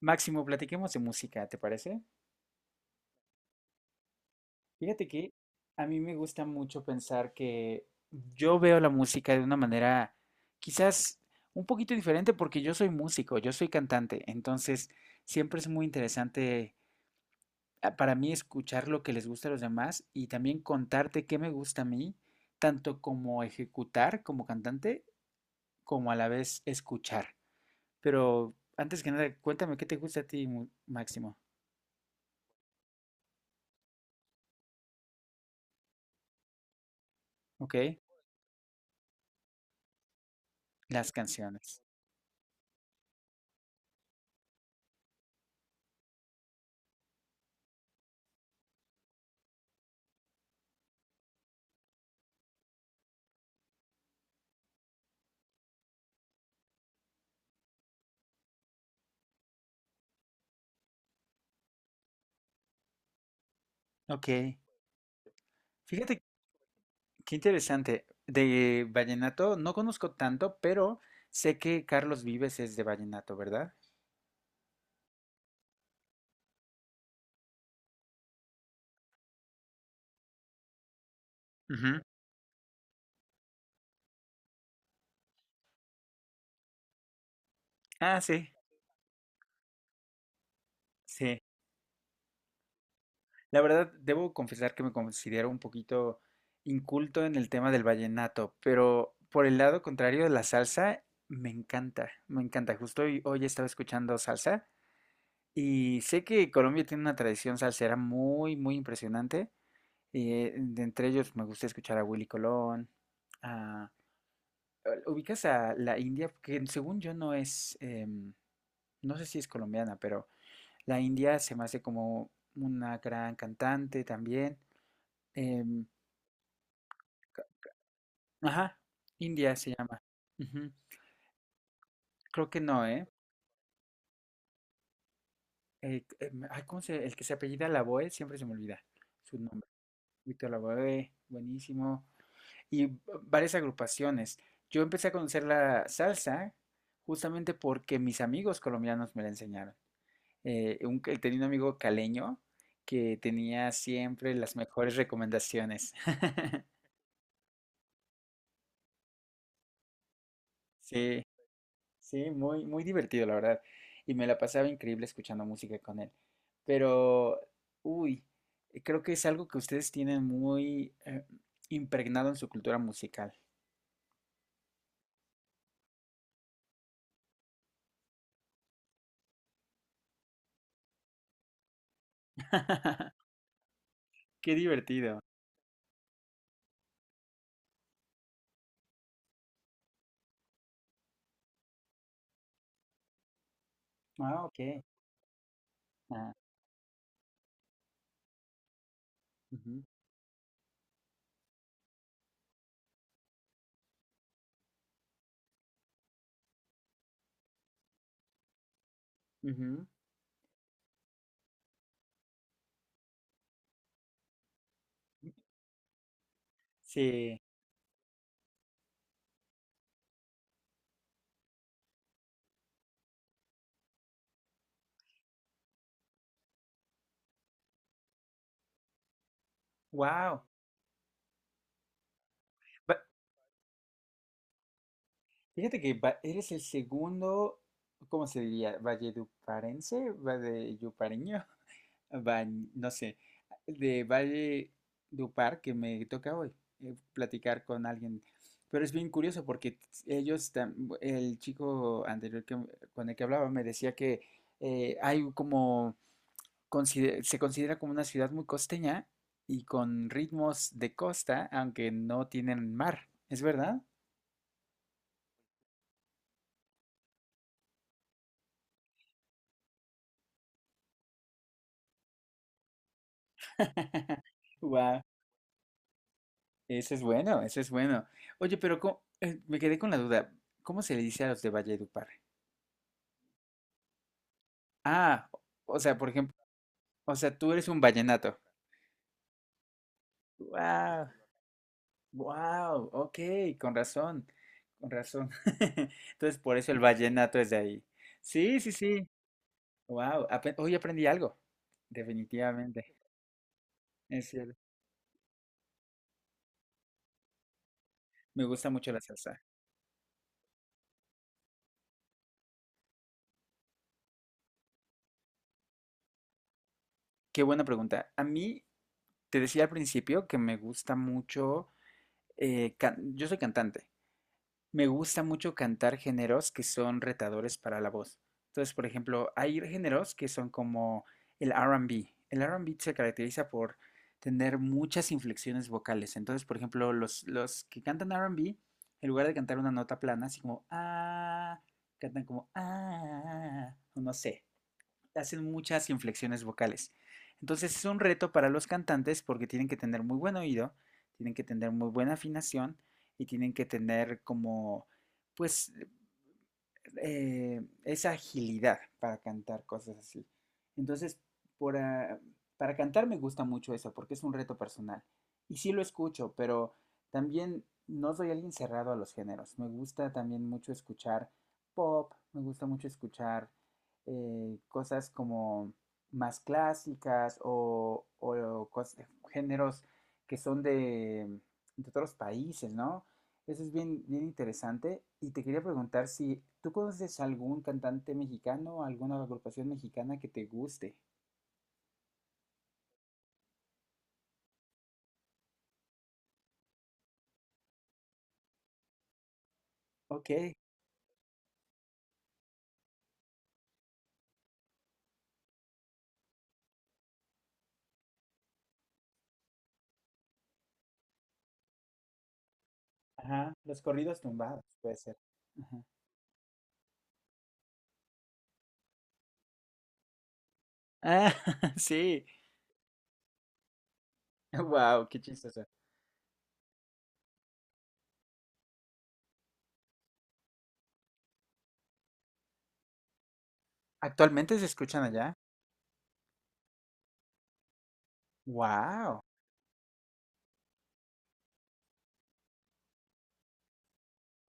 Máximo, platiquemos de música, ¿te parece? Fíjate que a mí me gusta mucho pensar que yo veo la música de una manera quizás un poquito diferente porque yo soy músico, yo soy cantante, entonces siempre es muy interesante, para mí escuchar lo que les gusta a los demás y también contarte qué me gusta a mí, tanto como ejecutar como cantante, como a la vez escuchar. Pero antes que nada, cuéntame qué te gusta a ti, Máximo. ¿Ok? Las canciones. Ok. Fíjate qué interesante. De vallenato no conozco tanto, pero sé que Carlos Vives es de vallenato, ¿verdad? Ujú. Ah, sí, sí. La verdad, debo confesar que me considero un poquito inculto en el tema del vallenato, pero por el lado contrario de la salsa, me encanta, me encanta. Justo hoy, hoy estaba escuchando salsa y sé que Colombia tiene una tradición salsera muy, muy impresionante. Y, de entre ellos me gusta escuchar a Willy Colón. Eh, ubicas a la India, que según yo no es, no sé si es colombiana, pero la India se me hace como una gran cantante también. Em, ca- ajá, India se llama. Ujú. Creo que no, ¿eh? Ay, ¿cómo se, el que se apellida Lavoe, siempre se me olvida su nombre. Víctor Lavoe, buenísimo. Y varias agrupaciones. Yo empecé a conocer la salsa justamente porque mis amigos colombianos me la enseñaron. Tenía un amigo caleño que tenía siempre las mejores recomendaciones. Sí, sí, muy, muy divertido, la verdad. Y me la pasaba increíble escuchando música con él. Pero, uy, creo que es algo que ustedes tienen muy impregnado en su cultura musical. Qué divertido. Ah, ok. Ah, ujú, ujú. Sí, wow. Fíjate que eres el segundo, ¿cómo se diría? Valleduparense, valledupareño, no sé, de Valledupar que me toca hoy platicar con alguien. Pero es bien curioso porque ellos, el chico anterior con el que hablaba me decía que hay como, se considera como una ciudad muy costeña y con ritmos de costa, aunque no tienen mar. ¿Es verdad? Wow. Ese es bueno, ese es bueno. Oye, pero me quedé con la duda. ¿Cómo se le dice a los de Valledupar? Ah, o sea, por ejemplo, o sea, tú eres un vallenato. Wow, wow, ok, con razón, con razón. Entonces, por eso el vallenato es de ahí. Sí, sí, sí. Wow, hoy aprendí algo. Definitivamente, es cierto. Me gusta mucho la salsa. Qué buena pregunta. A mí, te decía al principio que me gusta mucho, yo soy cantante. Me gusta mucho cantar géneros que son retadores para la voz. Entonces, por ejemplo, hay géneros que son como el R&B. El R&B se caracteriza por tener muchas inflexiones vocales. Entonces, por ejemplo, los que cantan R&B, en lugar de cantar una nota plana, así como ah, cantan como ah, o no sé, hacen muchas inflexiones vocales. Entonces es un reto para los cantantes porque tienen que tener muy buen oído, tienen que tener muy buena afinación y tienen que tener como, pues, esa agilidad para cantar cosas así. Entonces, por, ah, para cantar me gusta mucho eso, porque es un reto personal. Y sí lo escucho, pero también no soy alguien cerrado a los géneros. Me gusta también mucho escuchar pop, me gusta mucho escuchar cosas como más clásicas o géneros que son de otros países, ¿no? Eso es bien, bien interesante. Y te quería preguntar si tú conoces algún cantante mexicano, alguna agrupación mexicana que te guste. Ok, ajá, los corridos tumbados, puede ser. Ajá. Ah, sí. Wow, qué chistoso. ¿Actualmente se escuchan allá? Wow.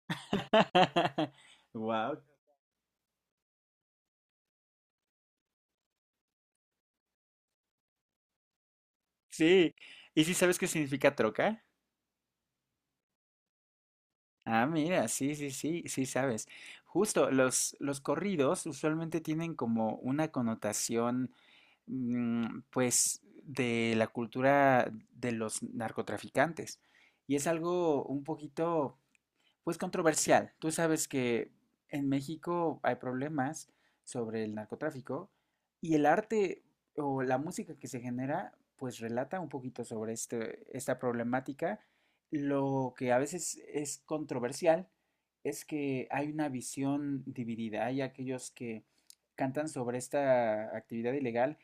Wow. Sí. ¿Y si sabes qué significa troca? Ah, mira, sí, sí, sí, sí sabes. Justo, los corridos usualmente tienen como una connotación, pues, de la cultura de los narcotraficantes. Y es algo un poquito, pues controversial. Tú sabes que en México hay problemas sobre el narcotráfico y el arte o la música que se genera pues relata un poquito sobre este, esta problemática. Lo que a veces es controversial es que hay una visión dividida. Hay aquellos que cantan sobre esta actividad ilegal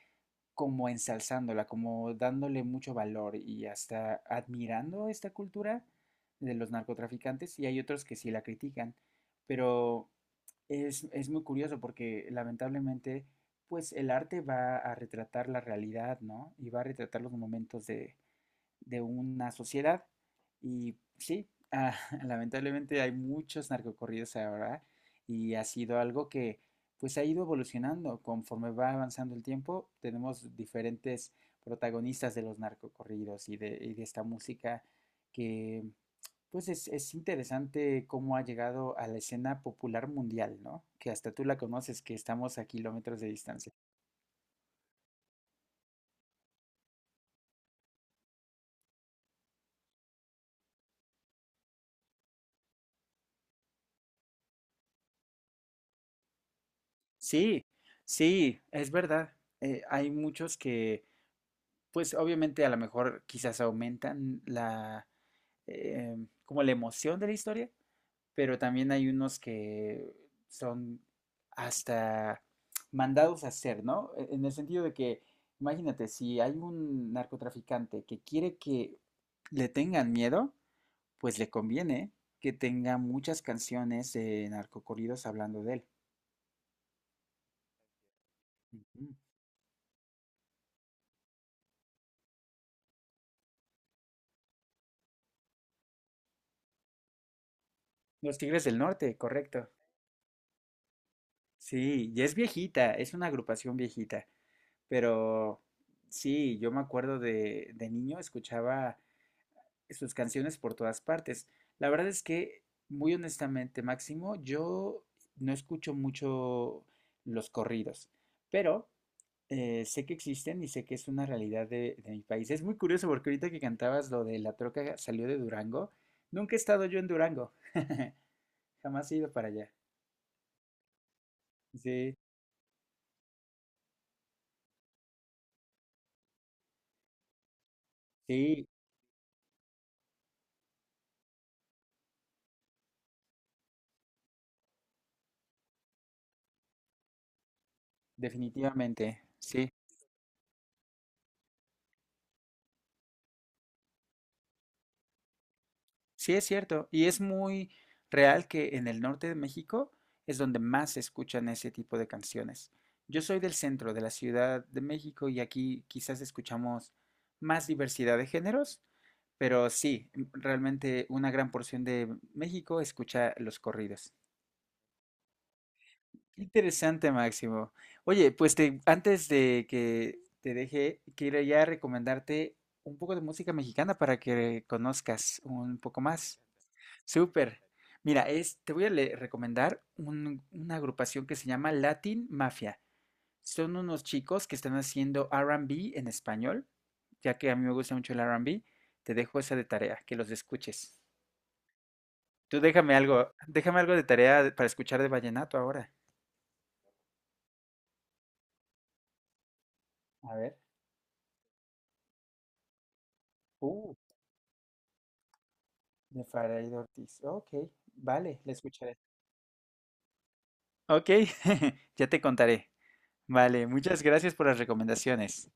como ensalzándola, como dándole mucho valor y hasta admirando esta cultura de los narcotraficantes y hay otros que sí la critican, pero es muy curioso porque lamentablemente pues el arte va a retratar la realidad, ¿no? Y va a retratar los momentos de una sociedad. Y sí, lamentablemente hay muchos narcocorridos ahora y ha sido algo que pues ha ido evolucionando conforme va avanzando el tiempo. Tenemos diferentes protagonistas de los narcocorridos y de esta música que pues es, interesante cómo ha llegado a la escena popular mundial, ¿no? Que hasta tú la conoces, que estamos a kilómetros de distancia. Sí, sí, es verdad. Hay muchos que pues obviamente a lo mejor quizás aumentan la, eh, como la emoción de la historia, pero también hay unos que son hasta mandados a hacer, ¿no? En el sentido de que, imagínate, si hay un narcotraficante que quiere que le tengan miedo, pues le conviene que tenga muchas canciones de narcocorridos hablando de él. Ujú. Los Tigres del Norte, correcto. Sí, y es viejita, es una agrupación viejita. Pero sí, yo me acuerdo de niño, escuchaba sus canciones por todas partes. La verdad es que, muy honestamente, Máximo, yo no escucho mucho los corridos, pero sé que existen y sé que es una realidad de mi país. Es muy curioso porque ahorita que cantabas lo de la troca salió de Durango, nunca he estado yo en Durango, jamás he ido para allá. Sí, sí, definitivamente, sí. Sí, es cierto, y es muy real que en el norte de México es donde más se escuchan ese tipo de canciones. Yo soy del centro de la Ciudad de México y aquí quizás escuchamos más diversidad de géneros, pero sí, realmente una gran porción de México escucha los corridos. Qué interesante, Máximo. Oye, pues antes de que te deje, quiero ya recomendarte un poco de música mexicana para que conozcas un poco más. Súper. Mira, es, te voy a recomendar una agrupación que se llama Latin Mafia. Son unos chicos que están haciendo R&B en español, ya que a mí me gusta mucho el R&B. Te dejo esa de tarea, que los escuches. Tú déjame algo de tarea para escuchar de vallenato ahora. A ver. Uh, de Farid Ortiz. Ok, vale, le escucharé. Ok, ya te contaré. Vale, muchas gracias por las recomendaciones.